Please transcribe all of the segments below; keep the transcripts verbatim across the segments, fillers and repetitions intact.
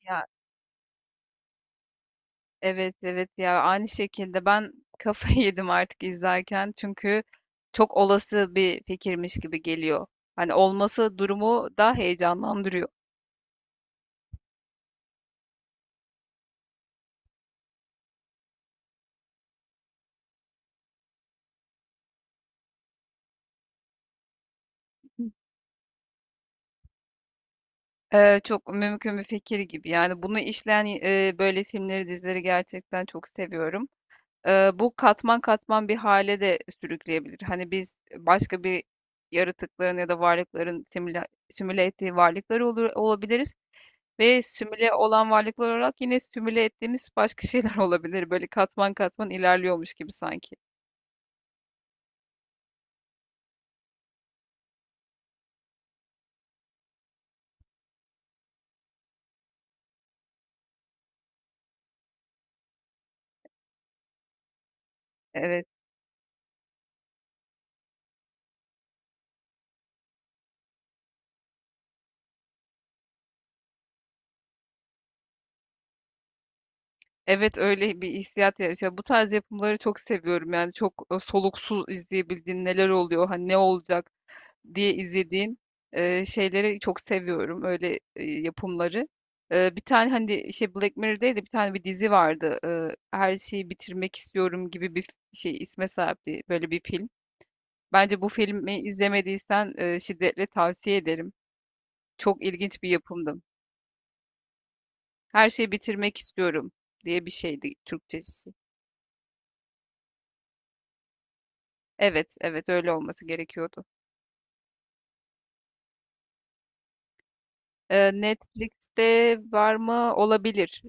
Ya evet evet, ya aynı şekilde ben kafayı yedim artık izlerken, çünkü çok olası bir fikirmiş gibi geliyor. Hani olması durumu daha heyecanlandırıyor. Ee, çok mümkün bir fikir gibi. Yani bunu işleyen e, böyle filmleri, dizileri gerçekten çok seviyorum. Ee, bu katman katman bir hale de sürükleyebilir. Hani biz başka bir yaratıkların ya da varlıkların simüle, simüle ettiği varlıklar olur, olabiliriz. Ve simüle olan varlıklar olarak yine simüle ettiğimiz başka şeyler olabilir. Böyle katman katman ilerliyormuş gibi sanki. Evet. Evet, öyle bir hissiyat yaratıyor. Bu tarz yapımları çok seviyorum. Yani çok e, soluksuz izleyebildiğin neler oluyor, hani ne olacak diye izlediğin e, şeyleri çok seviyorum. Öyle e, yapımları. E, bir tane hani şey Black Mirror'daydı, bir tane bir dizi vardı. E, her şeyi bitirmek istiyorum gibi bir şey isme sahipti. Böyle bir film. Bence bu filmi izlemediysen e, şiddetle tavsiye ederim. Çok ilginç bir yapımdı. Her şeyi bitirmek istiyorum diye bir şeydi Türkçesi. Evet, evet, öyle olması gerekiyordu. E, Netflix'te var mı? Olabilir.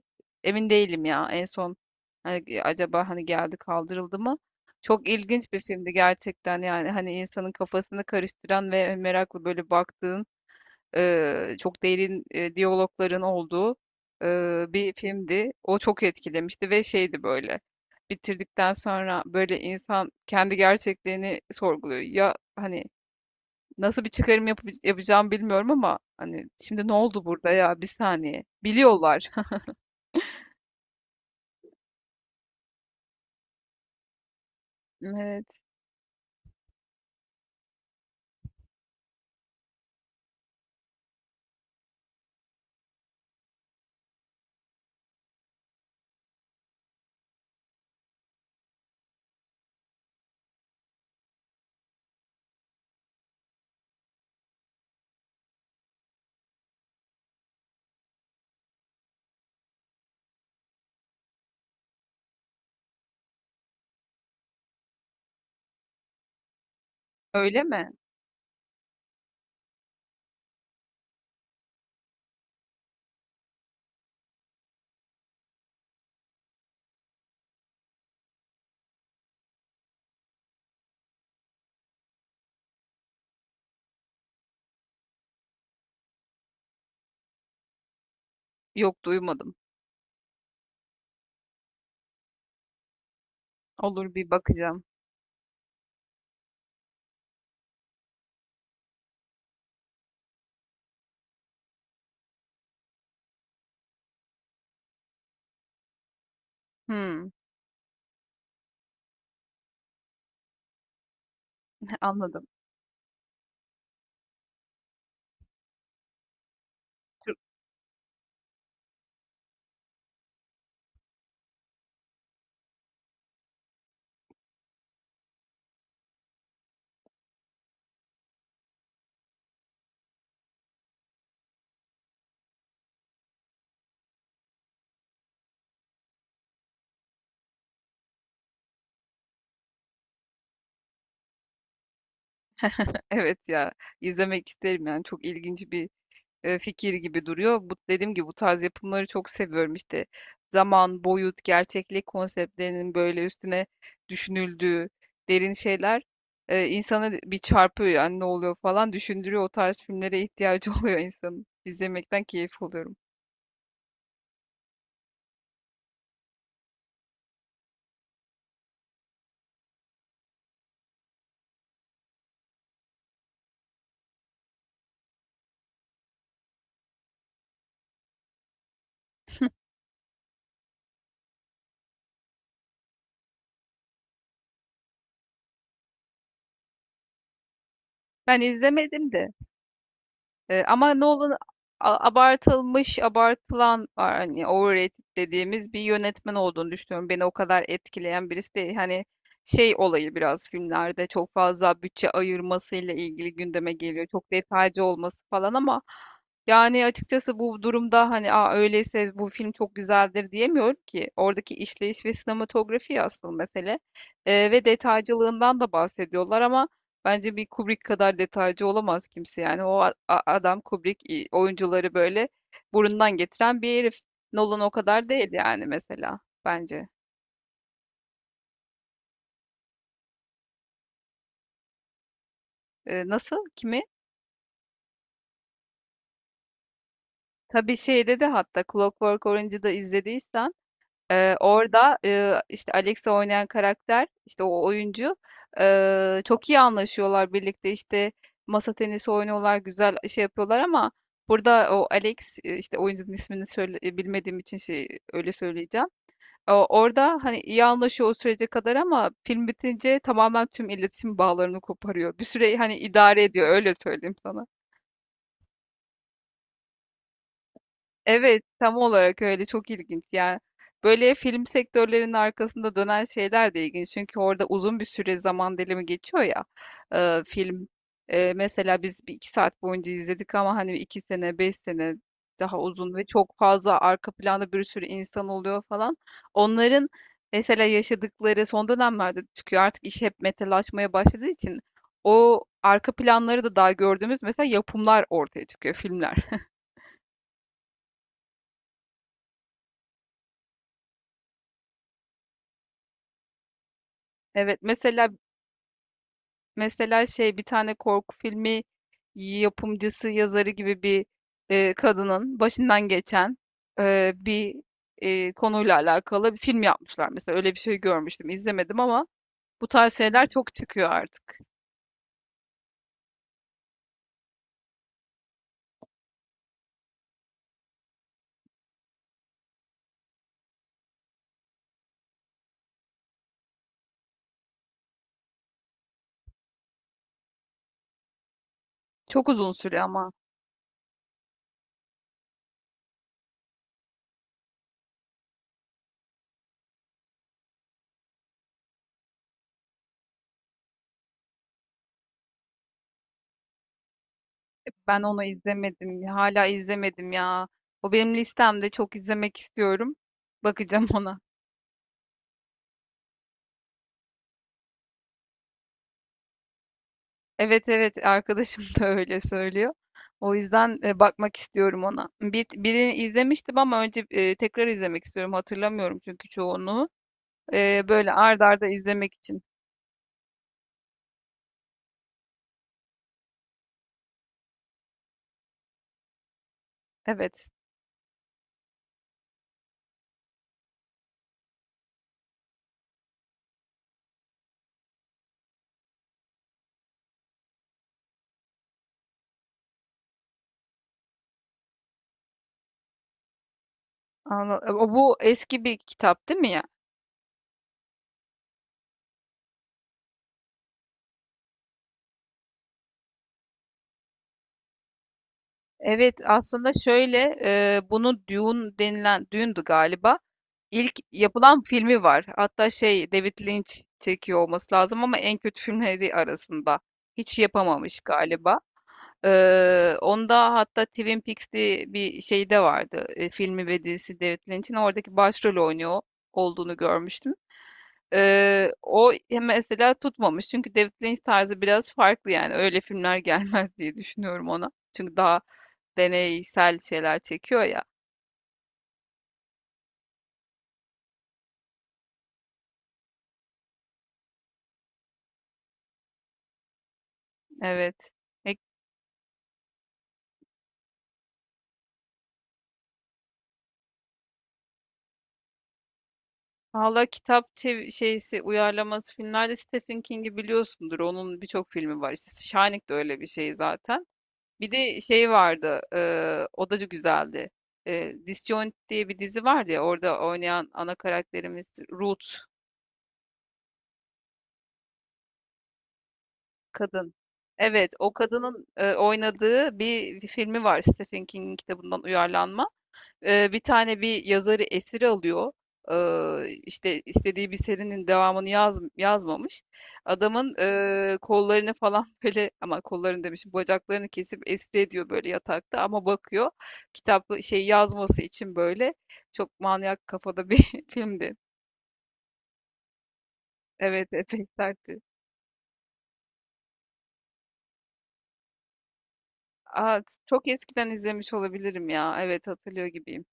Emin değilim ya. En son hani acaba hani geldi, kaldırıldı mı? Çok ilginç bir filmdi gerçekten, yani hani insanın kafasını karıştıran ve merakla böyle baktığın, eee, çok derin eee, diyalogların olduğu eee, bir filmdi. O çok etkilemişti ve şeydi böyle. Bitirdikten sonra böyle insan kendi gerçekliğini sorguluyor. Ya hani nasıl bir çıkarım yapı- yapacağım bilmiyorum, ama hani şimdi ne oldu burada, ya bir saniye. Biliyorlar. Evet. Öyle mi? Yok, duymadım. Olur, bir bakacağım. Hmm, anladım. Evet ya, izlemek isterim yani. Çok ilginç bir e, fikir gibi duruyor. Bu, dediğim gibi, bu tarz yapımları çok seviyorum. İşte zaman, boyut, gerçeklik konseptlerinin böyle üstüne düşünüldüğü derin şeyler e, insanı bir çarpıyor, yani ne oluyor falan düşündürüyor. O tarz filmlere ihtiyacı oluyor insanın. İzlemekten keyif alıyorum. Ben izlemedim de. Eee, ama Nolan a abartılmış, abartılan, hani, overrated dediğimiz bir yönetmen olduğunu düşünüyorum. Beni o kadar etkileyen birisi değil. Hani şey olayı biraz filmlerde çok fazla bütçe ayırmasıyla ilgili gündeme geliyor. Çok detaycı olması falan, ama yani açıkçası bu durumda hani, aa, öyleyse bu film çok güzeldir diyemiyorum ki. Oradaki işleyiş ve sinematografi asıl mesele. Eee, ve detaycılığından da bahsediyorlar, ama bence bir Kubrick kadar detaycı olamaz kimse, yani. O a- a- adam Kubrick, i- oyuncuları böyle burundan getiren bir herif. Nolan o kadar değil yani, mesela, bence. Ee, nasıl? Kimi? Tabii şeyde de, hatta Clockwork Orange'ı da izlediysen, e, orada e, işte Alex'i oynayan karakter, işte o oyuncu e, çok iyi anlaşıyorlar birlikte, işte masa tenisi oynuyorlar, güzel şey yapıyorlar, ama burada o Alex, e, işte oyuncunun ismini söyle, e, bilmediğim için şey öyle söyleyeceğim. O- Orada hani iyi anlaşıyor o sürece kadar, ama film bitince tamamen tüm iletişim bağlarını koparıyor. Bir süre hani idare ediyor, öyle söyleyeyim sana. Evet, tam olarak öyle, çok ilginç yani. Böyle film sektörlerinin arkasında dönen şeyler de ilginç. Çünkü orada uzun bir süre zaman dilimi geçiyor ya e, film. E, mesela biz bir iki saat boyunca izledik, ama hani iki sene, beş sene, daha uzun ve çok fazla arka planda bir sürü insan oluyor falan. Onların mesela yaşadıkları son dönemlerde çıkıyor. Artık iş hep metalaşmaya başladığı için o arka planları da daha gördüğümüz mesela yapımlar ortaya çıkıyor, filmler. Evet, mesela, mesela şey bir tane korku filmi yapımcısı, yazarı gibi bir e, kadının başından geçen e, bir e, konuyla alakalı bir film yapmışlar. Mesela öyle bir şey görmüştüm, izlemedim, ama bu tarz şeyler çok çıkıyor artık. Çok uzun sürüyor ama. Ben onu izlemedim. Hala izlemedim ya. O benim listemde, çok izlemek istiyorum. Bakacağım ona. Evet evet, arkadaşım da öyle söylüyor. O yüzden e, bakmak istiyorum ona. Bir, birini izlemiştim, ama önce e, tekrar izlemek istiyorum. Hatırlamıyorum çünkü çoğunu. E, böyle ard arda izlemek için. Evet. Anla- O, bu eski bir kitap değil mi ya? Evet, aslında şöyle, e, bunu Dune denilen Dune'du galiba. İlk yapılan filmi var. Hatta şey David Lynch çekiyor olması lazım, ama en kötü filmleri arasında. Hiç yapamamış galiba. Ee, onda hatta Twin Peaks diye bir şey de vardı. E, filmi ve dizisi, David Lynch'in oradaki başrol oynuyor olduğunu görmüştüm. Ee, o mesela tutmamış. Çünkü David Lynch tarzı biraz farklı, yani. Öyle filmler gelmez diye düşünüyorum ona. Çünkü daha deneysel şeyler çekiyor ya. Evet. Peki. Valla kitap çev- şeysi uyarlaması filmlerde Stephen King'i biliyorsundur. Onun birçok filmi var. İşte Shining de öyle bir şey zaten. Bir de şey vardı. Eee, o da güzeldi. Eee Disjoint diye bir dizi vardı ya. Orada oynayan ana karakterimiz Ruth kadın. Evet, o kadının e, oynadığı bir, bir filmi var Stephen King'in kitabından uyarlanma. E, bir tane bir yazarı esir alıyor. Ee, işte istediği bir serinin devamını yaz, yazmamış. Adamın e, kollarını falan böyle, ama kollarını demişim, bacaklarını kesip esir ediyor böyle yatakta, ama bakıyor kitapı şey yazması için böyle, çok manyak kafada bir filmdi. Evet, epey sertti. Aa, çok eskiden izlemiş olabilirim ya. Evet, hatırlıyor gibiyim.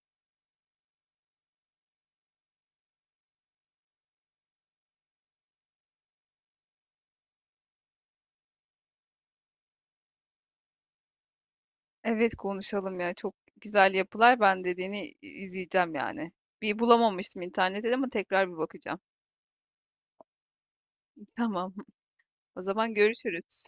Evet, konuşalım ya. Çok güzel yapılar. Ben dediğini izleyeceğim yani. Bir bulamamıştım internette, ama tekrar bir bakacağım. Tamam. O zaman görüşürüz.